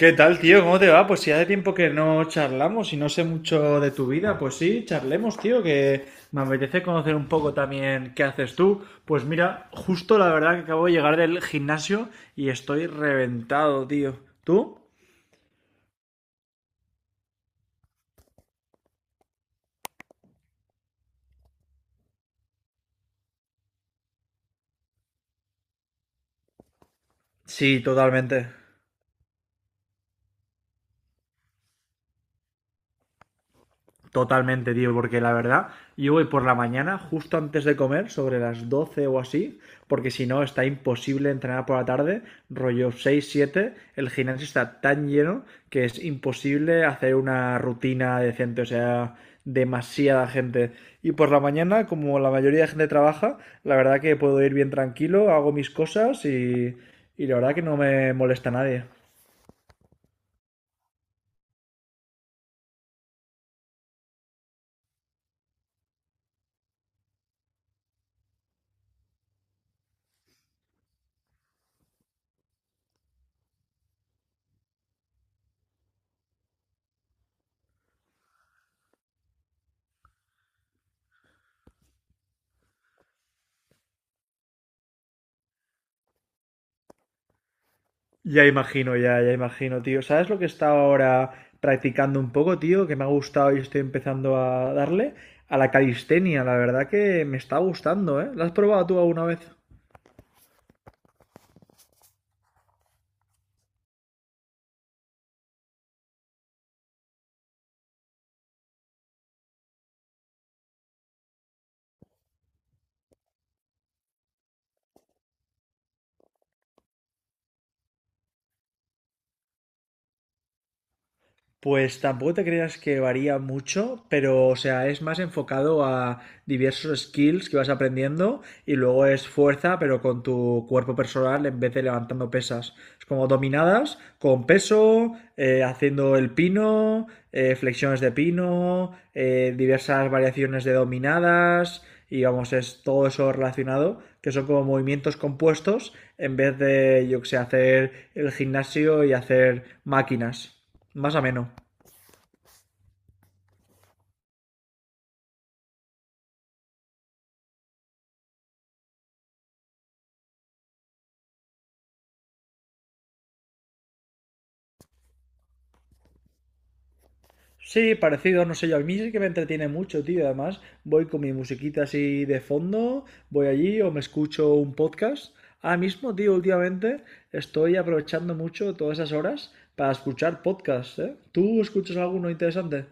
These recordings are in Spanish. ¿Qué tal, tío? ¿Cómo te va? Pues si hace tiempo que no charlamos y no sé mucho de tu vida, pues sí, charlemos, tío, que me apetece conocer un poco también qué haces tú. Pues mira, justo la verdad que acabo de llegar del gimnasio y estoy reventado, tío. ¿Tú? Sí, totalmente. Totalmente, tío, porque la verdad, yo voy por la mañana, justo antes de comer, sobre las 12 o así, porque si no está imposible entrenar por la tarde, rollo 6, 7, el gimnasio está tan lleno que es imposible hacer una rutina decente, o sea, demasiada gente. Y por la mañana, como la mayoría de gente trabaja, la verdad que puedo ir bien tranquilo, hago mis cosas y la verdad que no me molesta a nadie. Ya imagino, ya, ya imagino, tío. ¿Sabes lo que he estado ahora practicando un poco, tío? Que me ha gustado y estoy empezando a darle a la calistenia. La verdad que me está gustando, ¿eh? ¿La has probado tú alguna vez? Pues tampoco te creas que varía mucho, pero o sea, es más enfocado a diversos skills que vas aprendiendo y luego es fuerza, pero con tu cuerpo personal en vez de levantando pesas. Es como dominadas con peso, haciendo el pino, flexiones de pino, diversas variaciones de dominadas y vamos, es todo eso relacionado, que son como movimientos compuestos en vez de, yo que sé, hacer el gimnasio y hacer máquinas. Más ameno. Sí, parecido, no sé yo. A mí sí que me entretiene mucho, tío. Además, voy con mi musiquita así de fondo, voy allí o me escucho un podcast. Ahora mismo, tío, últimamente estoy aprovechando mucho todas esas horas para escuchar podcasts, ¿eh? ¿Tú escuchas alguno interesante?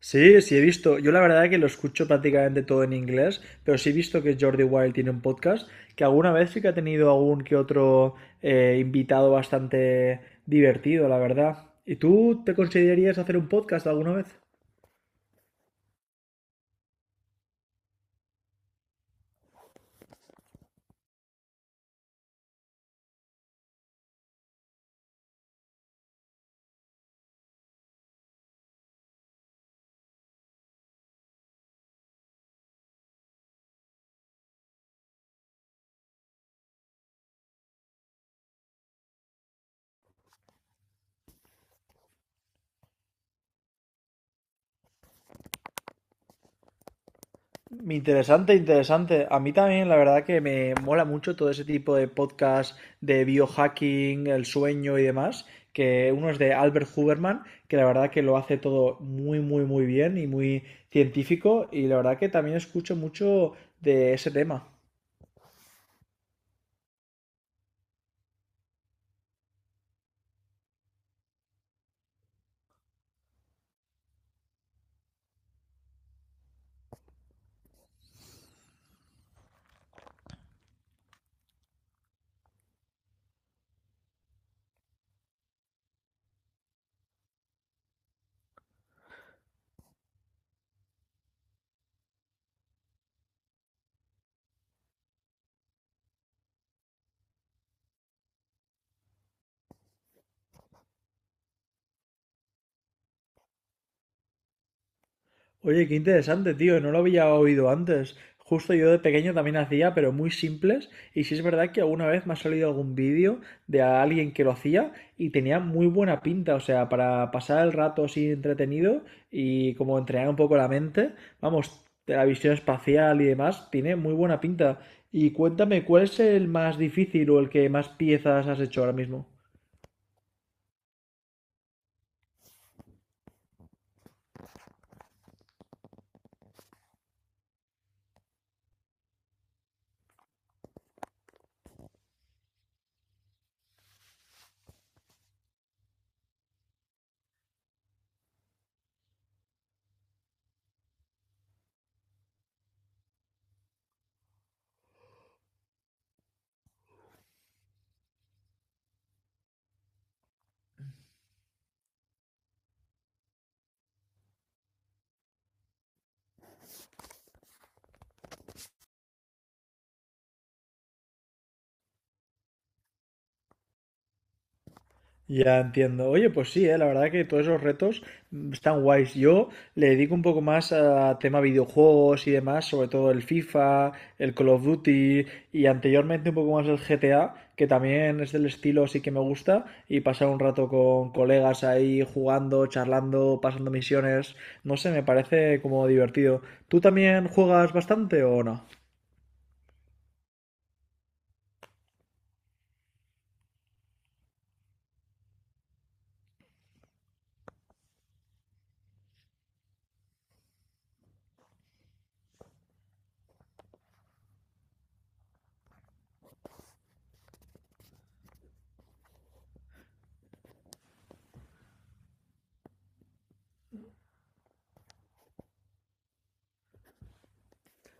Sí, sí he visto. Yo la verdad que lo escucho prácticamente todo en inglés, pero sí he visto que Jordi Wild tiene un podcast, que alguna vez sí que ha tenido algún que otro invitado bastante divertido, la verdad. ¿Y tú te considerarías hacer un podcast alguna vez? Interesante, interesante. A mí también, la verdad que me mola mucho todo ese tipo de podcast de biohacking, el sueño y demás, que uno es de Albert Huberman, que la verdad que lo hace todo muy, muy, muy bien y muy científico, y la verdad que también escucho mucho de ese tema. Oye, qué interesante, tío, no lo había oído antes. Justo yo de pequeño también hacía, pero muy simples. Y sí es verdad que alguna vez me ha salido algún vídeo de alguien que lo hacía y tenía muy buena pinta. O sea, para pasar el rato así entretenido y como entrenar un poco la mente, vamos, de la visión espacial y demás, tiene muy buena pinta. Y cuéntame, ¿cuál es el más difícil o el que más piezas has hecho ahora mismo? Ya entiendo. Oye, pues sí, la verdad que todos esos retos están guays. Yo le dedico un poco más a tema videojuegos y demás, sobre todo el FIFA, el Call of Duty y anteriormente un poco más el GTA, que también es del estilo sí que me gusta y pasar un rato con colegas ahí jugando, charlando, pasando misiones, no sé, me parece como divertido. ¿Tú también juegas bastante o no?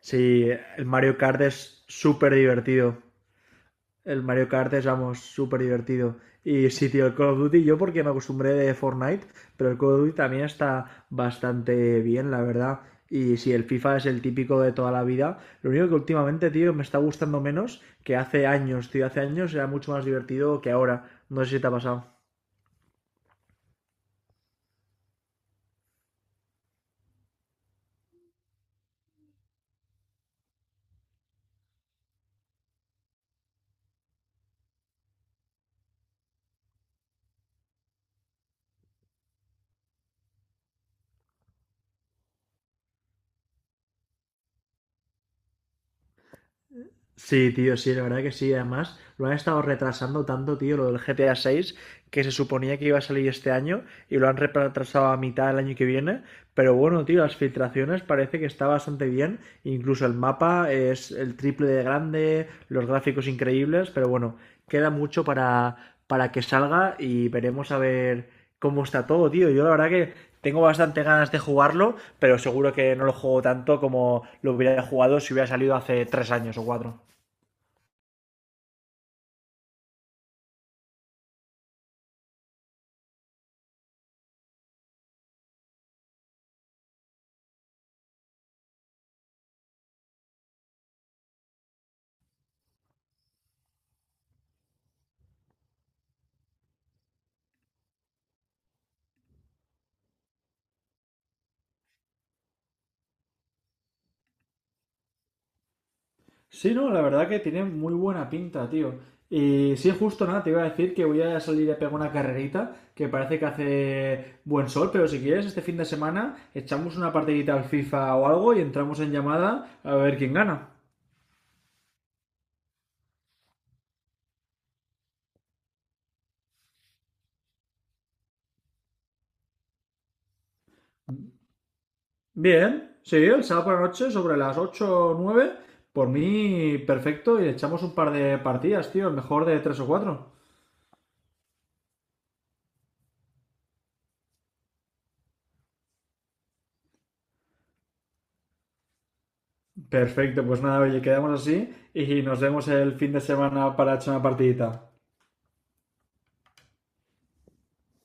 Sí, el Mario Kart es súper divertido. El Mario Kart es, vamos, súper divertido. Y sí, tío, el Call of Duty, yo porque me acostumbré de Fortnite, pero el Call of Duty también está bastante bien, la verdad. Y sí, el FIFA es el típico de toda la vida. Lo único que últimamente, tío, me está gustando menos que hace años, tío. Hace años era mucho más divertido que ahora. No sé si te ha pasado. Sí, tío, sí, la verdad que sí. Además, lo han estado retrasando tanto, tío, lo del GTA 6, que se suponía que iba a salir este año y lo han retrasado a mitad del año que viene. Pero bueno, tío, las filtraciones parece que está bastante bien. Incluso el mapa es el triple de grande, los gráficos increíbles, pero bueno, queda mucho para que salga y veremos a ver cómo está todo, tío. Yo la verdad que tengo bastante ganas de jugarlo, pero seguro que no lo juego tanto como lo hubiera jugado si hubiera salido hace tres años o cuatro. Sí, no, la verdad que tiene muy buena pinta, tío. Y sí, justo nada, te iba a decir que voy a salir a pegar una carrerita, que parece que hace buen sol, pero si quieres, este fin de semana echamos una partidita al FIFA o algo y entramos en llamada a ver quién gana. Bien, sí, el sábado por la noche, sobre las 8 o 9, por mí perfecto, y le echamos un par de partidas, tío, el mejor de 3 o cuatro. Perfecto, pues nada, oye, quedamos así y nos vemos el fin de semana para echar una partidita.